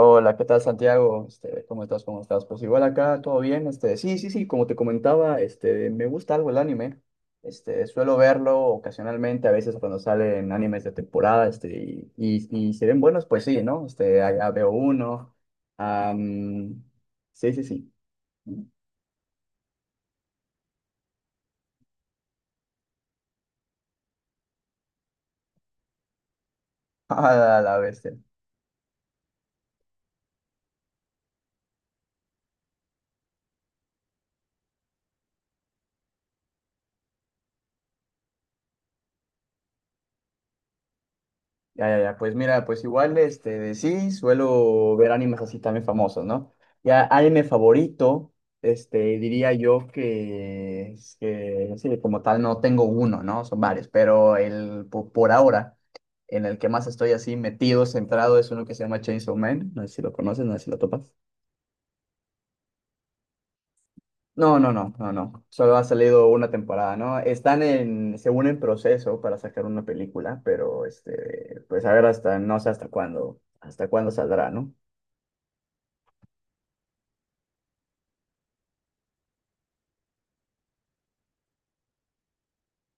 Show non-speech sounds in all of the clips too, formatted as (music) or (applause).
Hola, ¿qué tal Santiago? ¿Cómo estás? ¿Cómo estás? Pues igual acá, todo bien. Sí, sí, sí, como te comentaba, me gusta algo el anime. Suelo verlo ocasionalmente, a veces cuando salen animes de temporada, y se ven buenos, pues sí, ¿no? Allá veo uno. Am, sí, sí, sí. (laughs) A la vez. Ya, ya, ya, pues mira, pues igual, este, de sí, suelo ver animes así también famosos, ¿no? Ya, anime favorito, diría yo que, es que, sí, como tal no tengo uno, ¿no? Son varios, pero por ahora, en el que más estoy así metido, centrado, es uno que se llama Chainsaw Man, no sé si lo conoces, no sé si lo topas. No, no, no, no, no, solo ha salido una temporada, ¿no? Están en, según en proceso para sacar una película, pero, pues a ver hasta, no sé hasta cuándo saldrá, ¿no?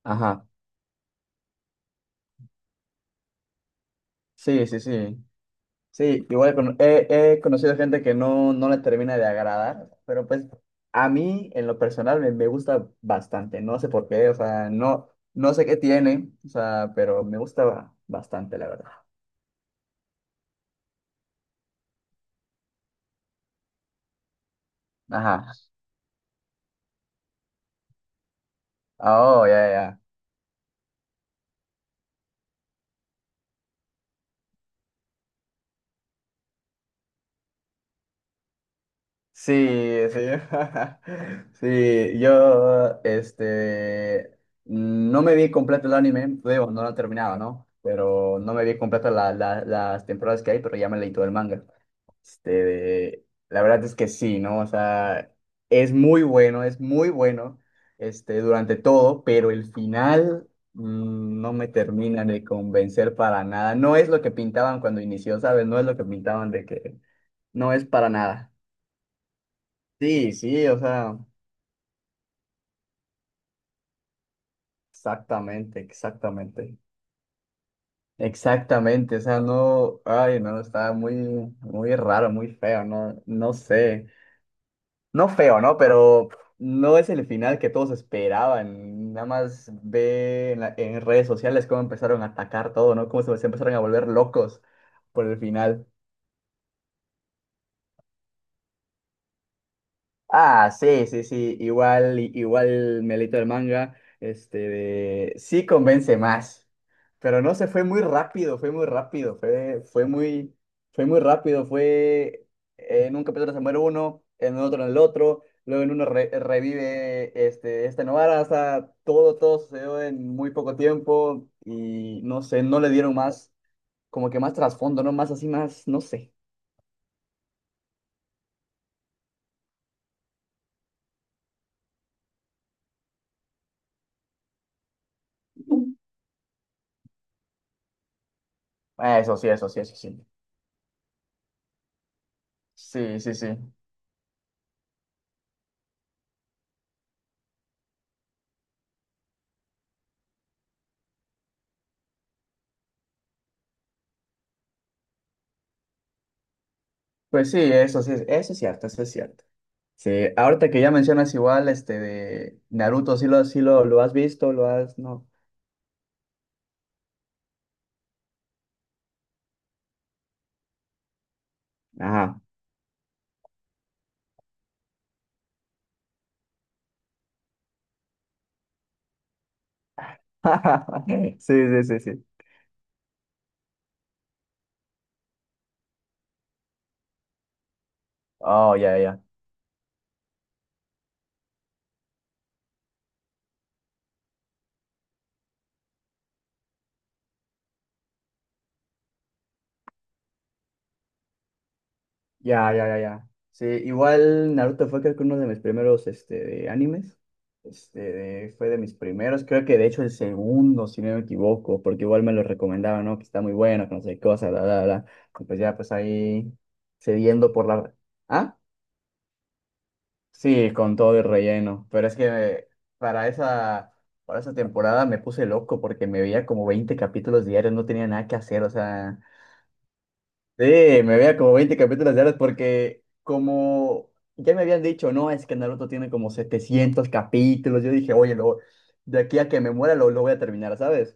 Ajá, sí, sí, sí. Sí, igual he conocido gente que no le termina de agradar, pero pues a mí en lo personal me gusta bastante, no sé por qué, o sea, no sé qué tiene, o sea, pero me gusta bastante, la verdad. Ajá, oh, ya, ya. Sí, sí, (laughs) sí, yo, no me vi completo el anime, digo, no lo terminaba, ¿no? Pero no me vi completo las temporadas que hay, pero ya me leí todo el manga. Este, la verdad es que sí, ¿no? O sea, es muy bueno, durante todo, pero el final no me termina de convencer para nada. No es lo que pintaban cuando inició, ¿sabes? No es lo que pintaban de que no es para nada. Sí, sí, o sea, exactamente, exactamente. Exactamente, o sea, no, ay, no, está muy, muy raro, muy feo, no sé. No feo, ¿no? Pero no es el final que todos esperaban. Nada más ve en redes sociales cómo empezaron a atacar todo, ¿no? Cómo se empezaron a volver locos por el final. Ah, sí, sí, sí, igual, igual me leí todo el manga, sí convence más, pero no sé, fue muy rápido, fue muy rápido, fue muy rápido, fue en un capítulo se muere uno, en otro en el otro, luego en uno revive Novara, o sea, todo sucedió en muy poco tiempo y no sé, no le dieron más, como que más trasfondo, ¿no? Más así, más, no sé. (laughs) Eso sí, eso sí, eso sí. Sí, sí, sí. Pues sí, eso sí, eso es cierto, eso es cierto. Sí, ahorita que ya mencionas igual, de Naruto, lo has visto, no. Ajá. (laughs) Sí, sí, sí, sí. Oh, ya, ya, ya, ya, ya, ya. Sí, igual Naruto fue creo que uno de mis primeros, de animes. Fue de mis primeros, creo que de hecho el segundo, si no me equivoco, porque igual me lo recomendaban, ¿no? Que está muy bueno, que no sé qué cosa, bla, bla, bla. Y pues ya, pues ahí, cediendo por la... ¿Ah? Sí, con todo el relleno. Pero es que para esa, para esa temporada me puse loco porque me veía como 20 capítulos diarios, no tenía nada que hacer. O sea, sí, me veía como 20 capítulos diarios porque como ya me habían dicho, no, es que Naruto tiene como 700 capítulos. Yo dije, oye, de aquí a que me muera lo, voy a terminar, ¿sabes?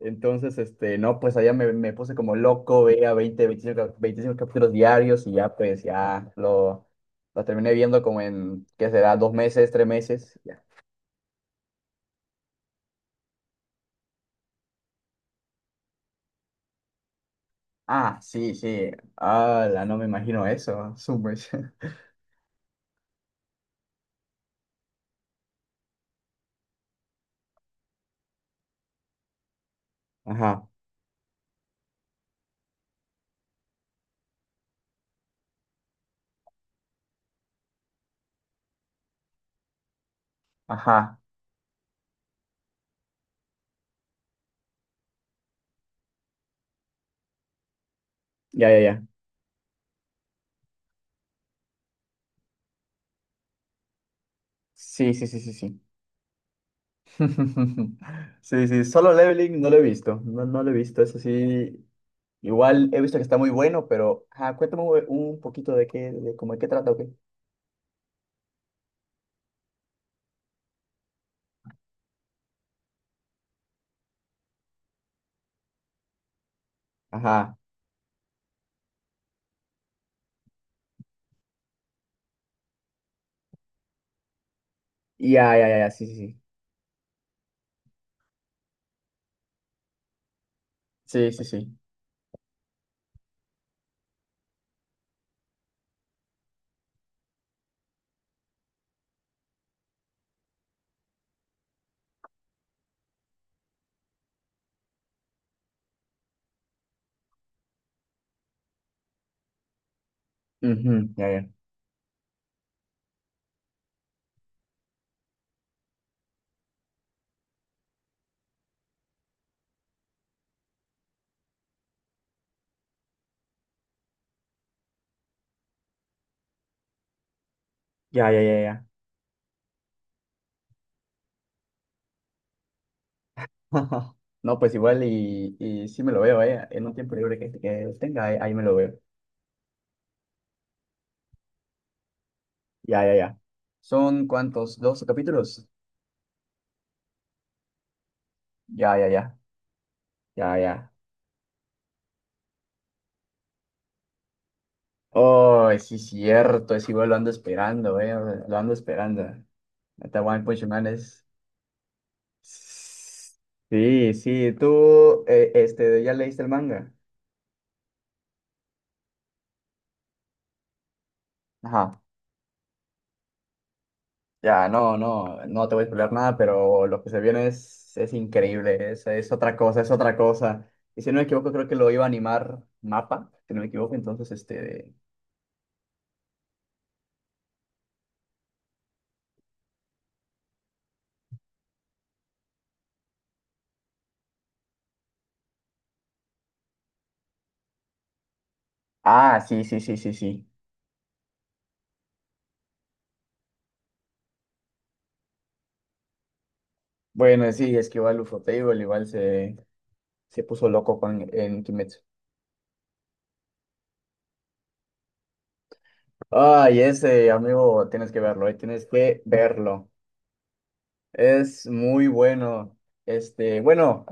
Entonces, no, pues allá me puse como loco, veía 25 capítulos diarios y ya, pues, ya lo terminé viendo como en, ¿qué será? Dos meses, tres meses. Ya. Ah, sí, sí. La no me imagino eso. Subway. (laughs) Ajá, ajá. Ya, ya, ya. Sí, sí, sí, sí, sí. (laughs) Sí, sí, solo leveling no lo he visto. No, no lo he visto, eso sí. Igual he visto que está muy bueno, pero, ajá, cuéntame un poquito de qué trata o qué. Ajá. Ya, ya, ya, ya, sí, sí, sí, sí, sí, sí. Ujú, ya, ya, ya, ya, ya, ya. (laughs) No, pues igual y sí me lo veo, en un tiempo libre que tenga, ahí me lo veo. Ya, ya, ya. ¿Son cuántos? ¿12 capítulos? Ya, ya, ya, ya, ya. Oh, sí, cierto, es igual, lo ando esperando, lo ando esperando. Neta, One Punch Man es... Sí, sí, tú, ¿ya leíste el manga? Ya, no, no, no te voy a spoiler nada, pero lo que se viene es increíble, es otra cosa, es otra cosa. Y si no me equivoco, creo que lo iba a animar Mapa, si no me equivoco, entonces Ah, sí, sí, sí, sí, sí. Bueno, sí, es que igual Ufotable igual se puso loco en Kimetsu. Ay, ese, amigo, tienes que verlo, tienes que verlo. Es muy bueno. Bueno.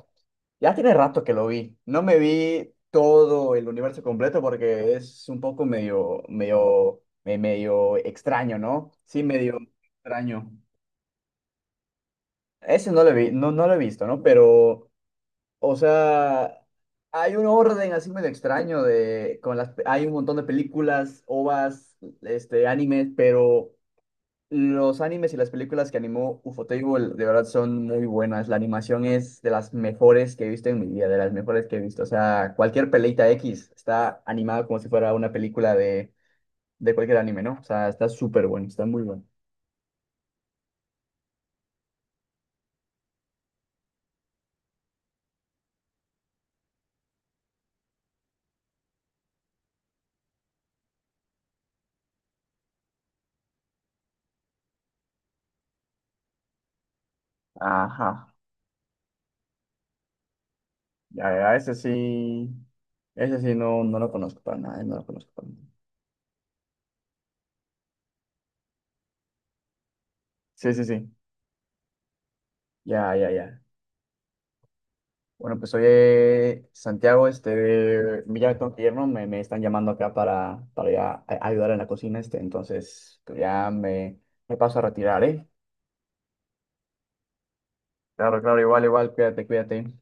Ya tiene rato que lo vi. No me vi todo el universo completo porque es un poco medio extraño, ¿no? Sí, medio extraño. Ese no lo vi, no, no lo he visto, ¿no? Pero, o sea, hay un orden así medio extraño hay un montón de películas, ovas, animes, pero los animes y las películas que animó Ufotable de verdad son muy buenas. La animación es de las mejores que he visto en mi vida, de las mejores que he visto. O sea, cualquier peleita X está animada como si fuera una película de cualquier anime, ¿no? O sea, está súper bueno, está muy bueno. Ajá, ya, ya, ese sí no, no lo conozco para nada, no lo conozco para nada. Sí, sí, sí, ya, ya, ya. Bueno, pues oye, Santiago, mira, me tengo que ir, ¿no? Me están llamando acá para, ir a ayudar en la cocina, entonces pues ya me paso a retirar, ¿eh? Claro, claro, igual, igual, cuídate, cuídate.